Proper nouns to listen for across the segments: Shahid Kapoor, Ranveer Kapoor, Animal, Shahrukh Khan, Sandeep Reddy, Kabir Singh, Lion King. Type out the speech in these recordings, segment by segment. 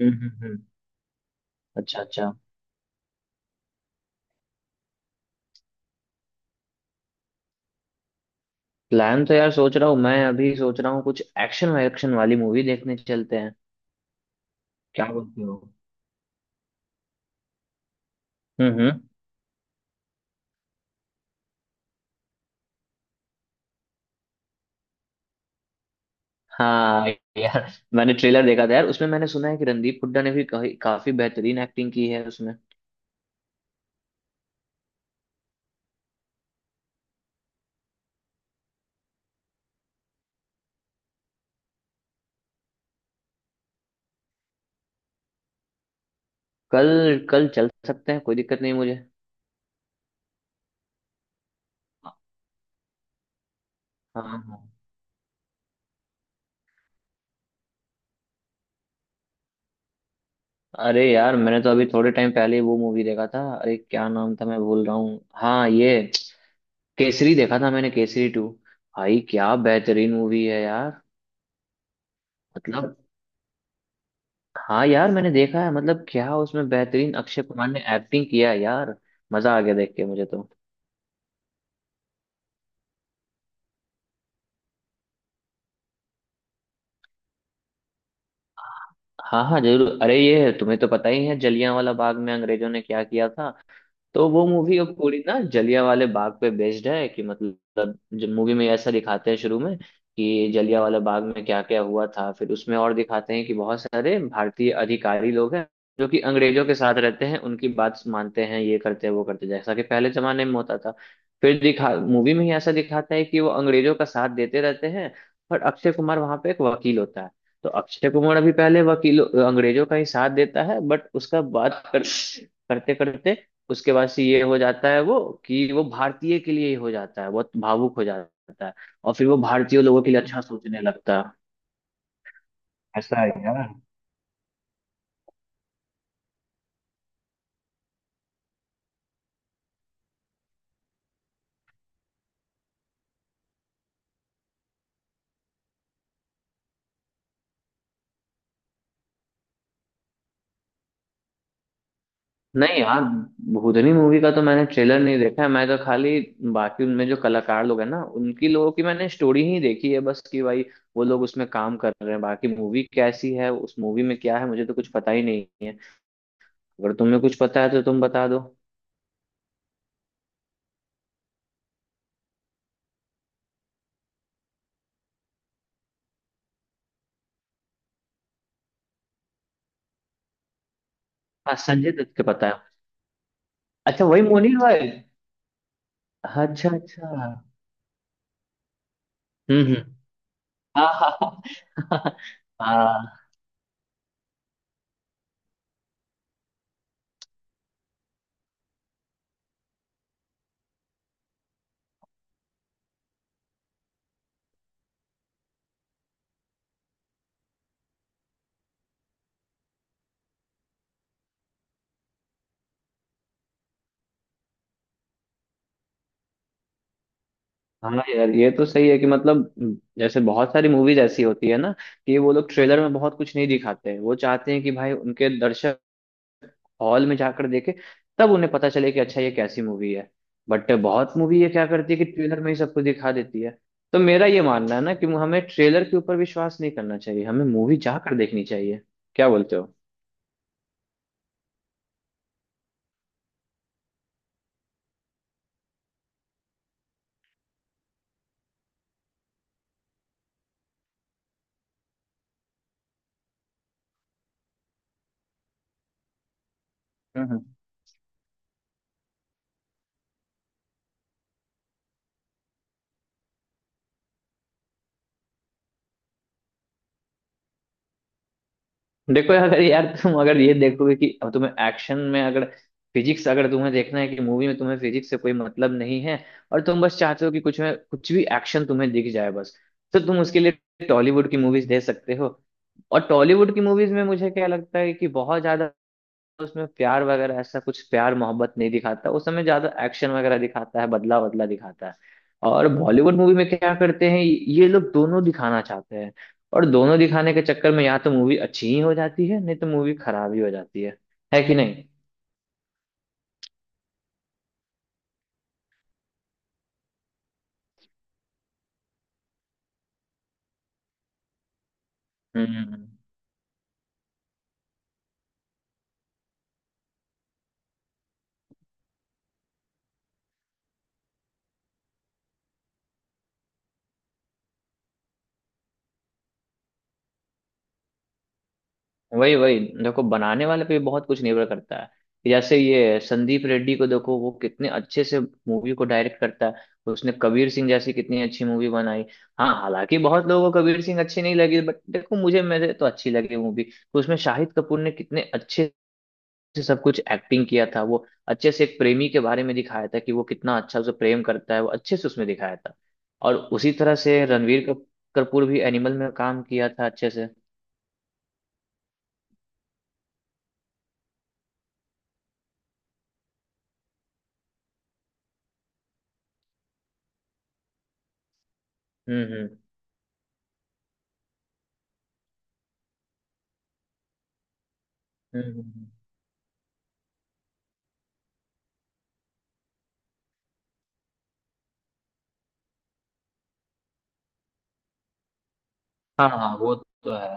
हम्म हम्म, हम्म। अच्छा अच्छा। प्लान तो यार सोच रहा हूँ, मैं अभी सोच रहा हूँ कुछ एक्शन वैक्शन वाली मूवी देखने चलते हैं। क्या बोलते हो? हम्म। हाँ यार, मैंने ट्रेलर देखा था यार, उसमें मैंने सुना है कि रणदीप हुड्डा ने भी काफी बेहतरीन एक्टिंग की है उसमें। कल। कल चल सकते हैं, कोई दिक्कत नहीं मुझे। हाँ हाँ। अरे यार, मैंने तो अभी थोड़े टाइम पहले वो मूवी देखा था, अरे क्या नाम था, मैं भूल रहा हूँ, हाँ ये केसरी देखा था मैंने, केसरी टू। भाई क्या बेहतरीन मूवी है यार। मतलब। हाँ यार मैंने देखा है, मतलब क्या उसमें बेहतरीन अक्षय कुमार ने एक्टिंग किया है यार। मजा आ गया देख के मुझे तो। हाँ हाँ जरूर, अरे ये तुम्हें तो पता ही है जलियांवाला बाग में अंग्रेजों ने क्या किया था। तो वो मूवी अब पूरी ना जलिया वाले बाग पे बेस्ड है, कि मतलब जो मूवी में ऐसा दिखाते हैं शुरू में कि जलिया वाला बाग में क्या क्या हुआ था, फिर उसमें और दिखाते हैं कि बहुत सारे भारतीय अधिकारी लोग हैं जो कि अंग्रेजों के साथ रहते हैं, उनकी बात मानते हैं, ये करते हैं वो करते हैं, जैसा कि पहले जमाने में होता था। फिर दिखा मूवी में ही ऐसा दिखाता है कि वो अंग्रेजों का साथ देते रहते हैं। पर अक्षय कुमार वहां पे एक वकील होता है। तो अक्षय कुमार अभी पहले वकील अंग्रेजों का ही साथ देता है, बट उसका करते करते उसके बाद से ये हो जाता है वो कि वो भारतीय के लिए ही हो जाता है, बहुत भावुक हो जाता है। और फिर वो भारतीय लोगों के लिए अच्छा सोचने लगता है। ऐसा है यार। नहीं यार, भूतनी मूवी का तो मैंने ट्रेलर नहीं देखा है, मैं तो खाली बाकी उनमें जो कलाकार लोग हैं ना उनकी लोगों की मैंने स्टोरी ही देखी है बस, कि भाई वो लोग उसमें काम कर रहे हैं, बाकी मूवी कैसी है उस मूवी में क्या है मुझे तो कुछ पता ही नहीं है। अगर तुम्हें कुछ पता है तो तुम बता दो। हाँ संजय दत्त के पता है। अच्छा वही मोनी रॉय। अच्छा अच्छा। हम्म। हाँ हाँ। हाँ हाँ। हाँ यार, ये तो सही है कि मतलब जैसे बहुत सारी मूवीज ऐसी होती है ना कि वो लोग ट्रेलर में बहुत कुछ नहीं दिखाते हैं, वो चाहते हैं कि भाई उनके दर्शक हॉल में जाकर देखे, तब उन्हें पता चले कि अच्छा ये कैसी मूवी है। बट बहुत मूवी ये क्या करती है कि ट्रेलर में ही सब कुछ दिखा देती है। तो मेरा ये मानना है ना कि हमें ट्रेलर के ऊपर विश्वास नहीं करना चाहिए, हमें मूवी जाकर देखनी चाहिए। क्या बोलते हो? हम्म। देखो अगर यार तुम अगर ये देखोगे कि अब तुम्हें एक्शन में अगर फिजिक्स, अगर तुम्हें देखना है कि मूवी में तुम्हें फिजिक्स से कोई मतलब नहीं है और तुम बस चाहते हो कि कुछ में कुछ भी एक्शन तुम्हें दिख जाए बस, तो तुम उसके लिए टॉलीवुड की मूवीज दे सकते हो। और टॉलीवुड की मूवीज में मुझे क्या लगता है कि बहुत ज्यादा उसमें प्यार वगैरह ऐसा कुछ प्यार मोहब्बत नहीं दिखाता उस समय, ज्यादा एक्शन वगैरह दिखाता है, बदला बदला दिखाता है। और बॉलीवुड मूवी में क्या करते हैं ये लोग दोनों दिखाना चाहते हैं, और दोनों दिखाने के चक्कर में या तो मूवी अच्छी ही हो जाती है, नहीं तो मूवी खराब ही हो जाती है। है कि नहीं? हम्म। वही वही, देखो बनाने वाले पे भी बहुत कुछ निर्भर करता है। जैसे ये संदीप रेड्डी को देखो वो कितने अच्छे से मूवी को डायरेक्ट करता है। उसने कबीर सिंह जैसी कितनी अच्छी मूवी बनाई। हाँ हालांकि बहुत लोगों को कबीर सिंह अच्छी नहीं लगी, बट देखो मुझे, मेरे तो अच्छी लगी मूवी। तो उसमें शाहिद कपूर ने कितने अच्छे से सब कुछ एक्टिंग किया था, वो अच्छे से एक प्रेमी के बारे में दिखाया था कि वो कितना अच्छा उसे प्रेम करता है, वो अच्छे से उसमें दिखाया था। और उसी तरह से रणवीर कपूर भी एनिमल में काम किया था अच्छे से। हम्म। हम्म हम्म, हम्म। हाँ हाँ वो तो है।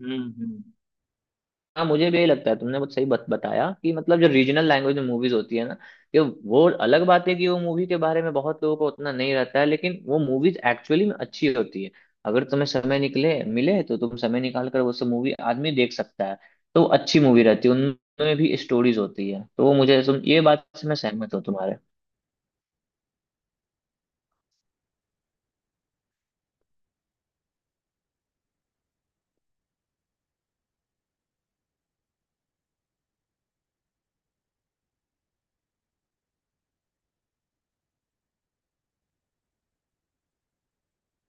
हम्म। हाँ मुझे भी यही लगता है, तुमने बहुत सही बताया कि मतलब जो रीजनल लैंग्वेज में मूवीज होती है ना, कि वो अलग बात है कि वो मूवी के बारे में बहुत लोगों को उतना नहीं रहता है, लेकिन वो मूवीज एक्चुअली में अच्छी होती है। अगर तुम्हें समय निकले मिले तो तुम समय निकाल कर वो सब मूवी आदमी देख सकता है। तो अच्छी मूवी रहती है, उनमें भी स्टोरीज होती है, तो वो मुझे तुम ये बात से मैं सहमत हूँ तुम्हारे।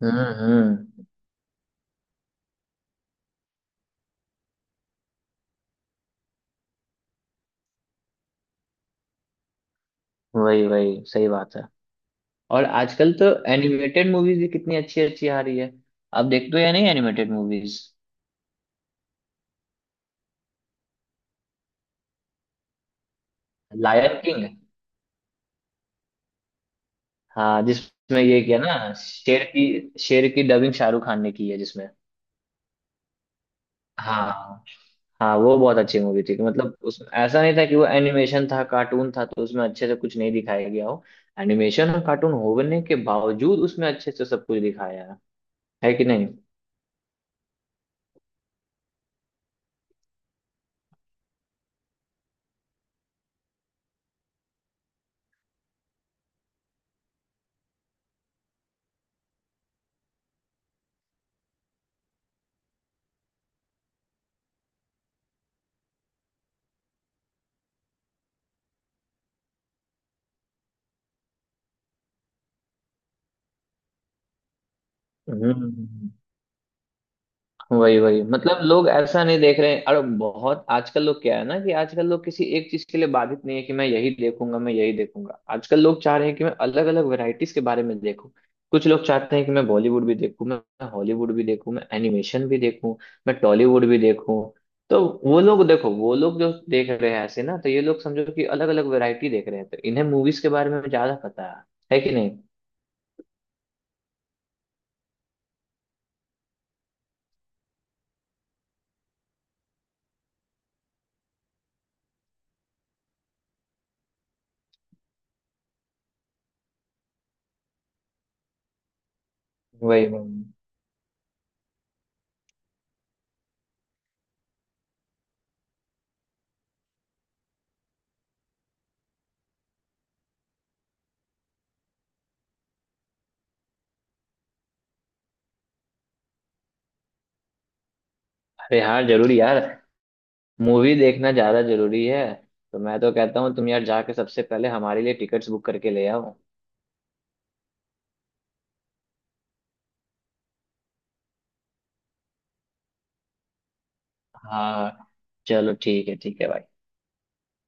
हम्म। वही वही, सही बात है। और आजकल तो एनिमेटेड मूवीज भी कितनी अच्छी अच्छी आ रही है। आप देखते हो या नहीं एनिमेटेड मूवीज? Lion King. हाँ जिसमें ये किया ना शेर की, शेर की डबिंग शाहरुख खान ने की है जिसमें। हाँ हाँ वो बहुत अच्छी मूवी थी कि मतलब उसमें ऐसा नहीं था कि वो एनिमेशन था कार्टून था तो उसमें अच्छे से कुछ नहीं दिखाया गया हो। एनिमेशन और कार्टून होने के बावजूद उसमें अच्छे से सब कुछ दिखाया है। है कि नहीं? हम्म। वही वही, मतलब लोग ऐसा नहीं देख रहे हैं, अरे बहुत आजकल लोग क्या है ना कि आजकल लोग किसी एक चीज के लिए बाधित नहीं है कि मैं यही देखूंगा मैं यही देखूंगा, आजकल लोग चाह रहे हैं कि मैं अलग अलग वैरायटीज के बारे में देखूं। कुछ लोग चाहते हैं कि मैं बॉलीवुड भी देखूं, मैं हॉलीवुड भी देखूं, मैं एनिमेशन भी देखूं, मैं टॉलीवुड भी देखूं। तो वो लोग देखो वो लोग जो देख रहे हैं ऐसे ना तो ये लोग समझो कि अलग अलग वैरायटी देख रहे हैं, तो इन्हें मूवीज के बारे में ज्यादा पता है। है कि नहीं? वही वही। अरे हाँ जरूर यार, मूवी देखना ज्यादा जरूरी है। तो मैं तो कहता हूँ तुम यार जाके सबसे पहले हमारे लिए टिकट्स बुक करके ले आओ। हाँ चलो ठीक है, ठीक है भाई।